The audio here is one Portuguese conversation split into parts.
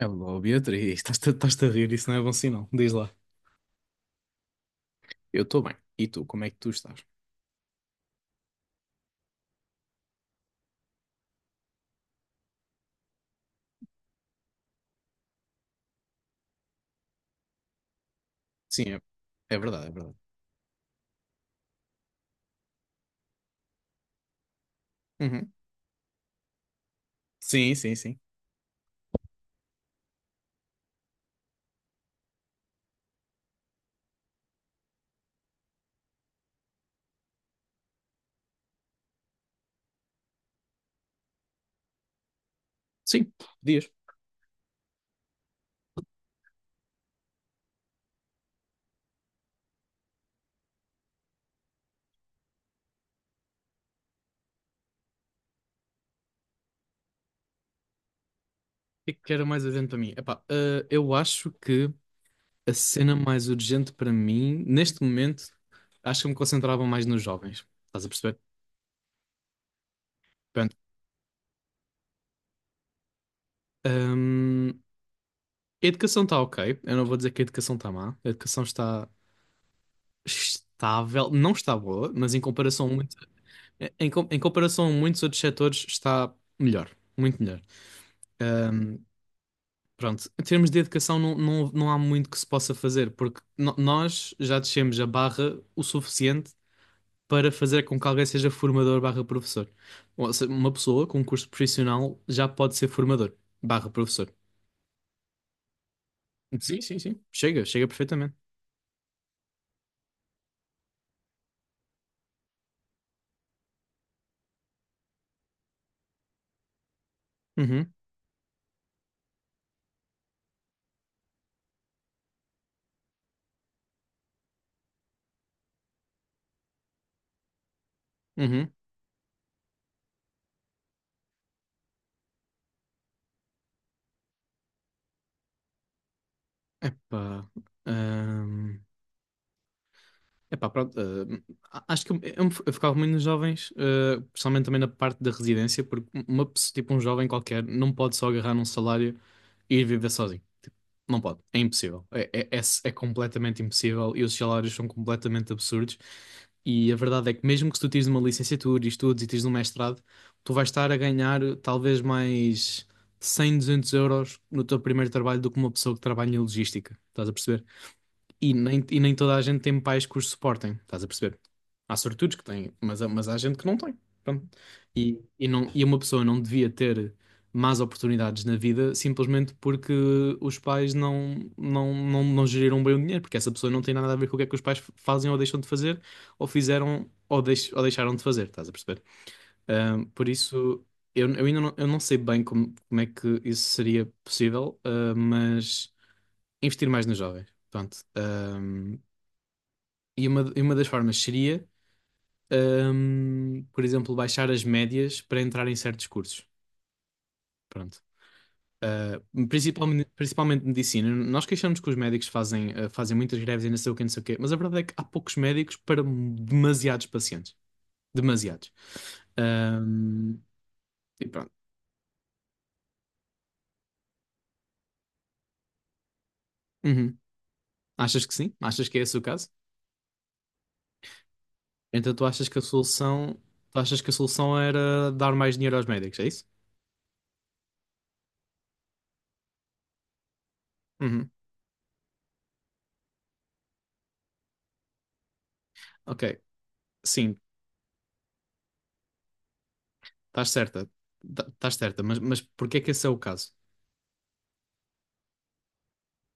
Hello, Beatriz, estás-te a rir, isso não é bom sinal. Diz lá. Eu estou bem. E tu, como é que tu estás? Sim, é, é verdade, é verdade. Uhum. Sim, sim, sim. Sim, podias. O que é que era mais urgente para mim? Epá, eu acho que a cena mais urgente para mim, neste momento, acho que eu me concentrava mais nos jovens. Estás a perceber? Pronto. Hum, a educação está ok. Eu não vou dizer que a educação está má. A educação está estável. Não está boa, mas em comparação muito. Em comparação a muitos outros setores, está melhor, muito melhor. Ahm, pronto, em termos de educação, não há muito que se possa fazer, porque nós já descemos a barra o suficiente para fazer com que alguém seja formador barra professor. Ou seja, uma pessoa com um curso profissional já pode ser formador barra professor. Sim, sim, sim. Chega perfeitamente. Uhum, uhum. Epá. Epá, pronto, acho que eu focava muito nos jovens, eh, principalmente também na parte da residência, porque tipo, um jovem qualquer não pode só agarrar num salário e ir viver sozinho. Tipo, não pode, é impossível. É completamente impossível e os salários são completamente absurdos. E a verdade é que mesmo que tu tires uma licenciatura e estudes e tires um mestrado, tu vais estar a ganhar talvez mais 100, 200 euros no teu primeiro trabalho do que uma pessoa que trabalha em logística. Estás a perceber? E nem toda a gente tem pais que os suportem, estás a perceber? Há sortudos que têm, mas, mas há gente que não tem. Pronto. E uma pessoa não devia ter más oportunidades na vida simplesmente porque os pais não geriram bem o dinheiro, porque essa pessoa não tem nada a ver com o que é que os pais fazem ou deixam de fazer, ou fizeram ou deixaram de fazer, estás a perceber? Por isso, eu não sei bem como é que isso seria possível, mas investir mais nos jovens. Pronto. E uma das formas seria, por exemplo, baixar as médias para entrar em certos cursos. Pronto. Ah, principalmente medicina. Nós queixamos que os médicos fazem, fazem muitas greves e não sei o quê não sei o quê, mas a verdade é que há poucos médicos para demasiados pacientes. Demasiados. Hum, e pronto. Uhum. Achas que sim? Achas que é esse o caso? Então tu achas que a solução, tu achas que a solução era dar mais dinheiro aos médicos, é isso? Uhum. Ok. Sim, estás certa, estás certa, mas porquê é que esse é o caso?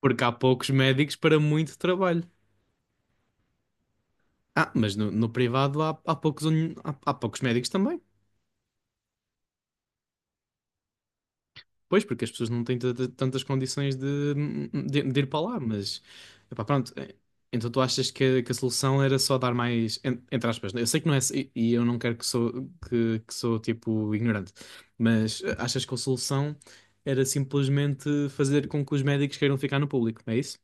Porque há poucos médicos para muito trabalho. Ah, mas no privado há poucos, há poucos médicos também. Pois, porque as pessoas não têm tantas condições de ir para lá, mas epá, pronto. Eh, então tu achas que a solução era só dar mais, entre aspas, né? Eu sei que não é, e eu não quero que sou, que sou tipo ignorante, mas eh, achas que a solução era simplesmente fazer com que os médicos queiram ficar no público, é isso?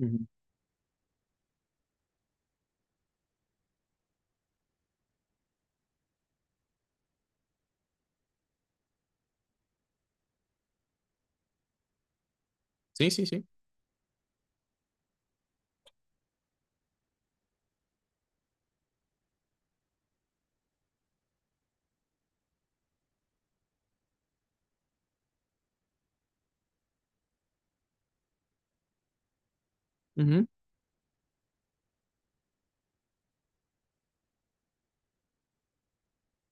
Uhum. Sim, sim, sim. Uhum.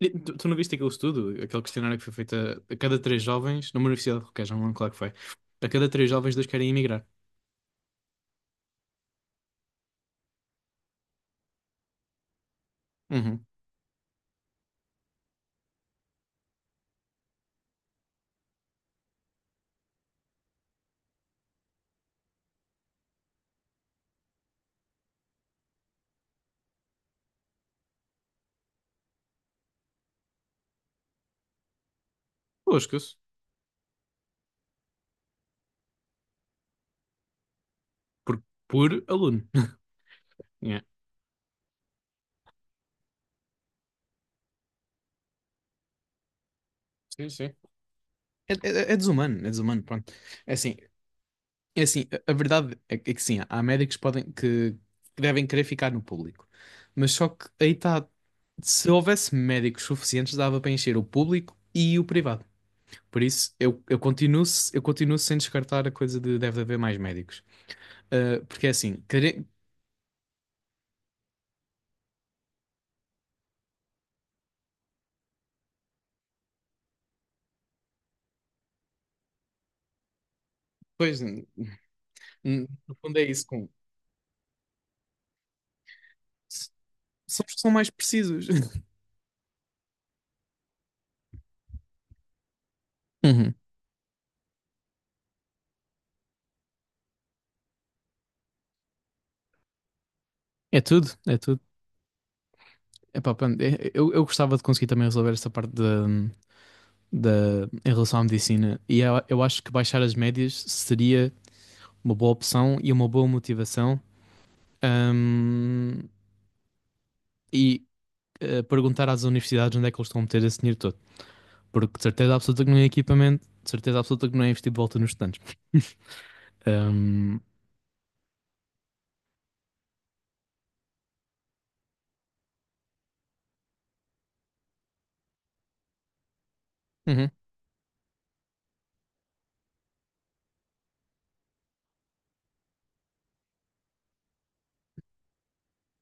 E tu, tu não viste aquele estudo, aquele questionário que foi feito a cada três jovens, numa universidade qualquer, já não lembro qual é que foi. A cada três jovens, dois querem emigrar. Uhum. Lasca-se. Por, por aluno. Yeah. Sim, sim. É desumano, pronto. É assim, é assim, a verdade é é que sim, há médicos que podem, que devem querer ficar no público. Mas só que aí está, se houvesse médicos suficientes, dava para encher o público e o privado. Por isso, eu continuo sem descartar a coisa de deve haver mais médicos. Porque é assim, care... Pois, no fundo é isso. Com... s- são os que são mais precisos. Uhum. É tudo, é tudo. Epá, pronto, eu gostava de conseguir também resolver esta parte da em relação à medicina. E eu acho que baixar as médias seria uma boa opção e uma boa motivação. Ahm, e perguntar às universidades onde é que eles estão a meter esse dinheiro todo. Porque de certeza absoluta que não é equipamento, de certeza absoluta que não é investir de volta nos estudantes. Ahm, uhum.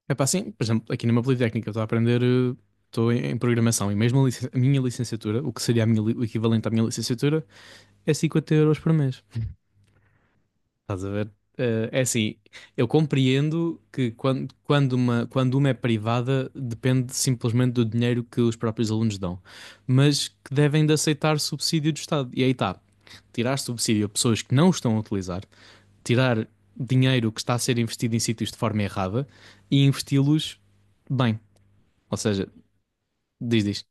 É pá, sim, por exemplo, aqui numa Politécnica, eu estou a aprender, estou em, em programação e mesmo a minha licenciatura, o que seria a minha o equivalente à minha licenciatura, é 50 euros por mês. Estás a ver? Eh, é assim, eu compreendo que quando uma é privada, depende simplesmente do dinheiro que os próprios alunos dão, mas que devem de aceitar subsídio do Estado. E aí está, tirar subsídio a pessoas que não estão a utilizar, tirar dinheiro que está a ser investido em sítios de forma errada e investi-los bem. Ou seja, diz, diz.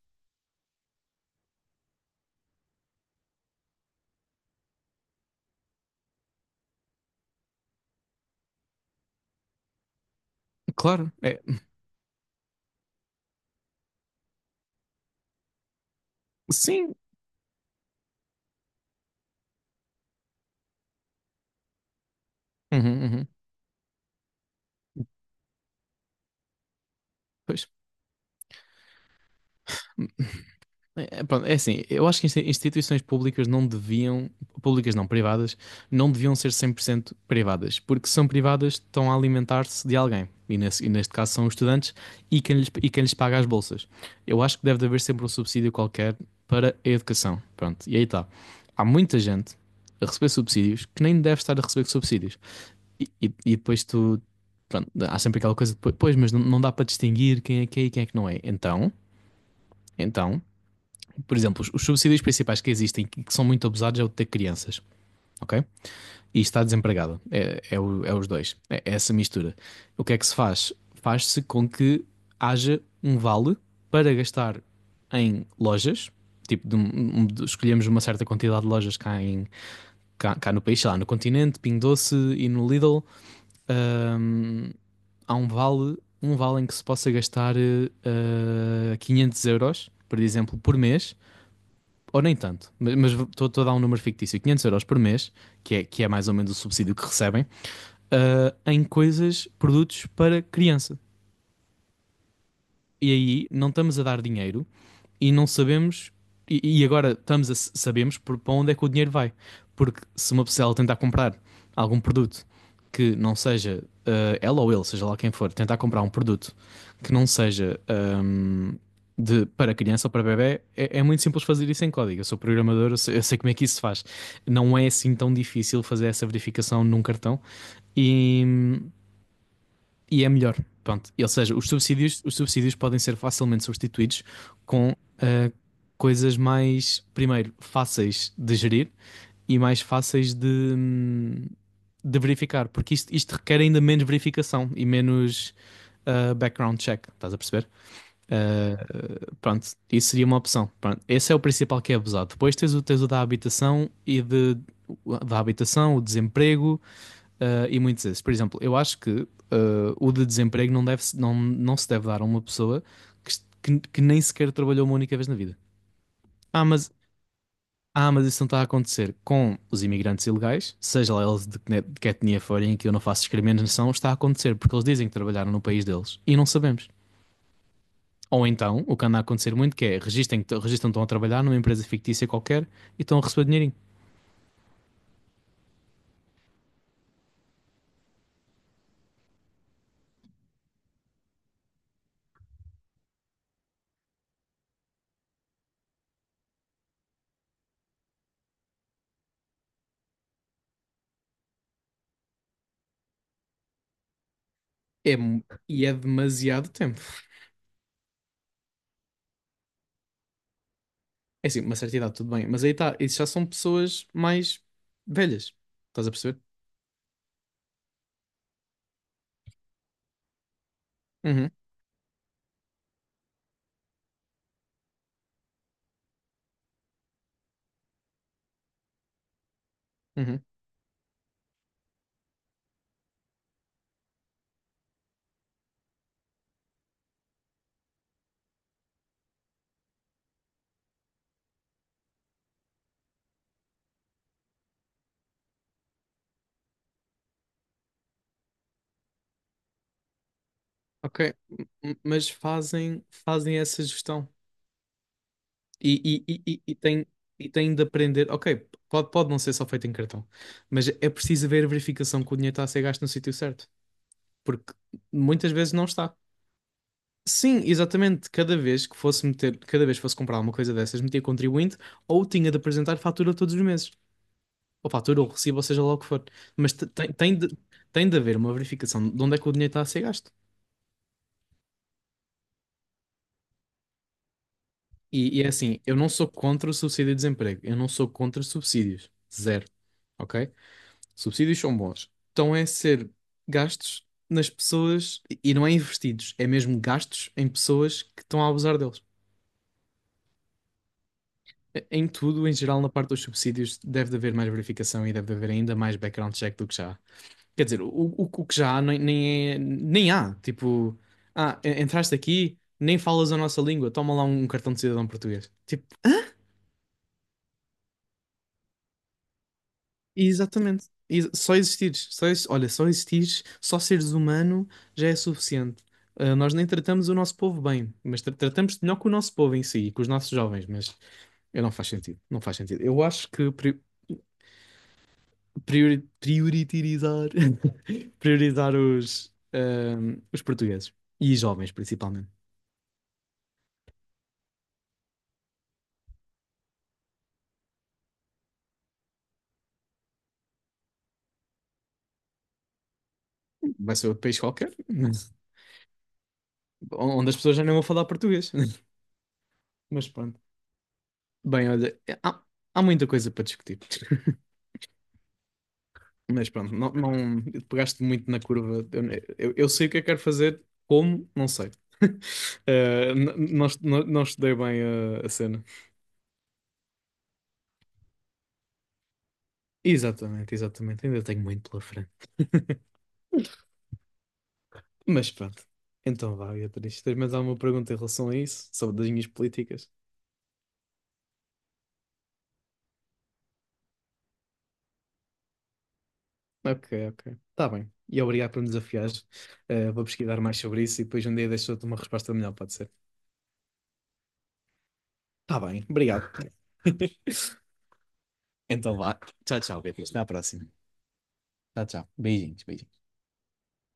Claro, é. Sim. Uhum, uhum. Pois. Pronto, é assim, eu acho que instituições públicas não deviam, públicas não, privadas, não deviam ser 100% privadas, porque se são privadas, estão a alimentar-se de alguém, e, e neste caso são os estudantes e e quem lhes paga as bolsas. Eu acho que deve haver sempre um subsídio qualquer para a educação, pronto, e aí está. Há muita gente a receber subsídios que nem deve estar a receber subsídios. E depois tu. Pronto, há sempre aquela coisa, depois pois, mas não, não dá para distinguir quem é que é e quem é que não é. Então, por exemplo, os subsídios principais que existem e que são muito abusados é o de ter crianças, ok? E estar desempregado. É os dois. É essa mistura. O que é que se faz? Faz-se com que haja um vale para gastar em lojas. Tipo, de um- um- de- escolhemos uma certa quantidade de lojas cá, cá no país, sei lá, no Continente, Pingo Doce e no Lidl. um, há um vale em que se possa gastar 500 euros, por exemplo, por mês, ou nem tanto, mas estou a dar um número fictício, 500 euros por mês, que é mais ou menos o subsídio que recebem, eh, em coisas, produtos para criança. E aí não estamos a dar dinheiro e não sabemos, e agora estamos sabemos para onde é que o dinheiro vai. Porque se uma pessoa ela tentar comprar algum produto que não seja ela ou ele, seja lá quem for, tentar comprar um produto que não seja para criança ou para bebé é muito simples fazer isso em código. Eu sou programador, eu sei como é que isso se faz. Não é assim tão difícil fazer essa verificação num cartão. E, e é melhor. Pronto. Ou seja, os subsídios podem ser facilmente substituídos com coisas mais, primeiro, fáceis de gerir e mais fáceis de verificar, porque isto requer ainda menos verificação e menos background check, estás a perceber? Ah, pronto, isso seria uma opção. Pronto, esse é o principal que é abusado. Depois tens tens o da habitação da habitação, o desemprego, uh, e muitos desses. Por exemplo, eu acho que o de desemprego deve, não, não se deve dar a uma pessoa que, que nem sequer trabalhou uma única vez na vida. Ah, mas, mas isso não está a acontecer com os imigrantes ilegais, seja lá eles de que etnia forem, que eu não faço discriminação, está a acontecer porque eles dizem que trabalharam no país deles e não sabemos. Ou então, o que anda a acontecer muito que é registam que estão a trabalhar numa empresa fictícia qualquer e estão a receber dinheirinho. É, e é demasiado tempo. É assim, uma certa idade, tudo bem. Mas aí está, isso já são pessoas mais velhas. Estás a perceber? Uhum, uhum. Ok. Mas fazem, fazem essa gestão. E, e, e, e, e têm, e têm de aprender. Ok, pode, pode não ser só feito em cartão. Mas é preciso haver a verificação que o dinheiro está a ser gasto no sítio certo. Porque muitas vezes não está. Sim, exatamente. Cada vez que fosse comprar alguma coisa dessas, metia contribuinte ou tinha de apresentar fatura todos os meses. Ou fatura ou recibo, ou seja lá o que for. Mas tem de haver uma verificação de onde é que o dinheiro está a ser gasto. E é assim, eu não sou contra o subsídio de desemprego, eu não sou contra subsídios, zero, ok? Subsídios são bons. Então é ser gastos nas pessoas e não é investidos, é mesmo gastos em pessoas que estão a abusar deles. Em tudo, em geral, na parte dos subsídios, deve de haver mais verificação e deve de haver ainda mais background check do que já há. Quer dizer, o que já há nem há. Tipo, entraste aqui, nem falas a nossa língua, toma lá um cartão de cidadão português. Tipo, exatamente. Só existires, olha, só existires, só seres humano já é suficiente. Ah, nós nem tratamos o nosso povo bem, mas tratamos melhor com o nosso povo em si, com os nossos jovens, mas eu não faz sentido, não faz sentido. Eu acho que prioritizar priorizar os, os portugueses e jovens principalmente. Vai ser outro país qualquer, onde as pessoas já não vão falar português. Mas pronto. Bem, há muita coisa para discutir. Mas pronto, não, não pegaste muito na curva. Eu sei o que é que quero fazer, como, não sei. Eh, não, não estudei bem a cena. Exatamente, exatamente. Ainda tenho muito pela frente. Mas pronto. Então vá, Beatriz. Tens mais alguma pergunta em relação a isso? Sobre as minhas políticas? Ok, ok. Está bem. E obrigado por me desafiares. Eh, vou pesquisar mais sobre isso e depois um dia deixo-te uma resposta melhor, pode ser? Está bem, obrigado. Então vá. Tchau, tchau, Beatriz. Até à próxima. Tchau, tchau. Beijinhos, beijinhos.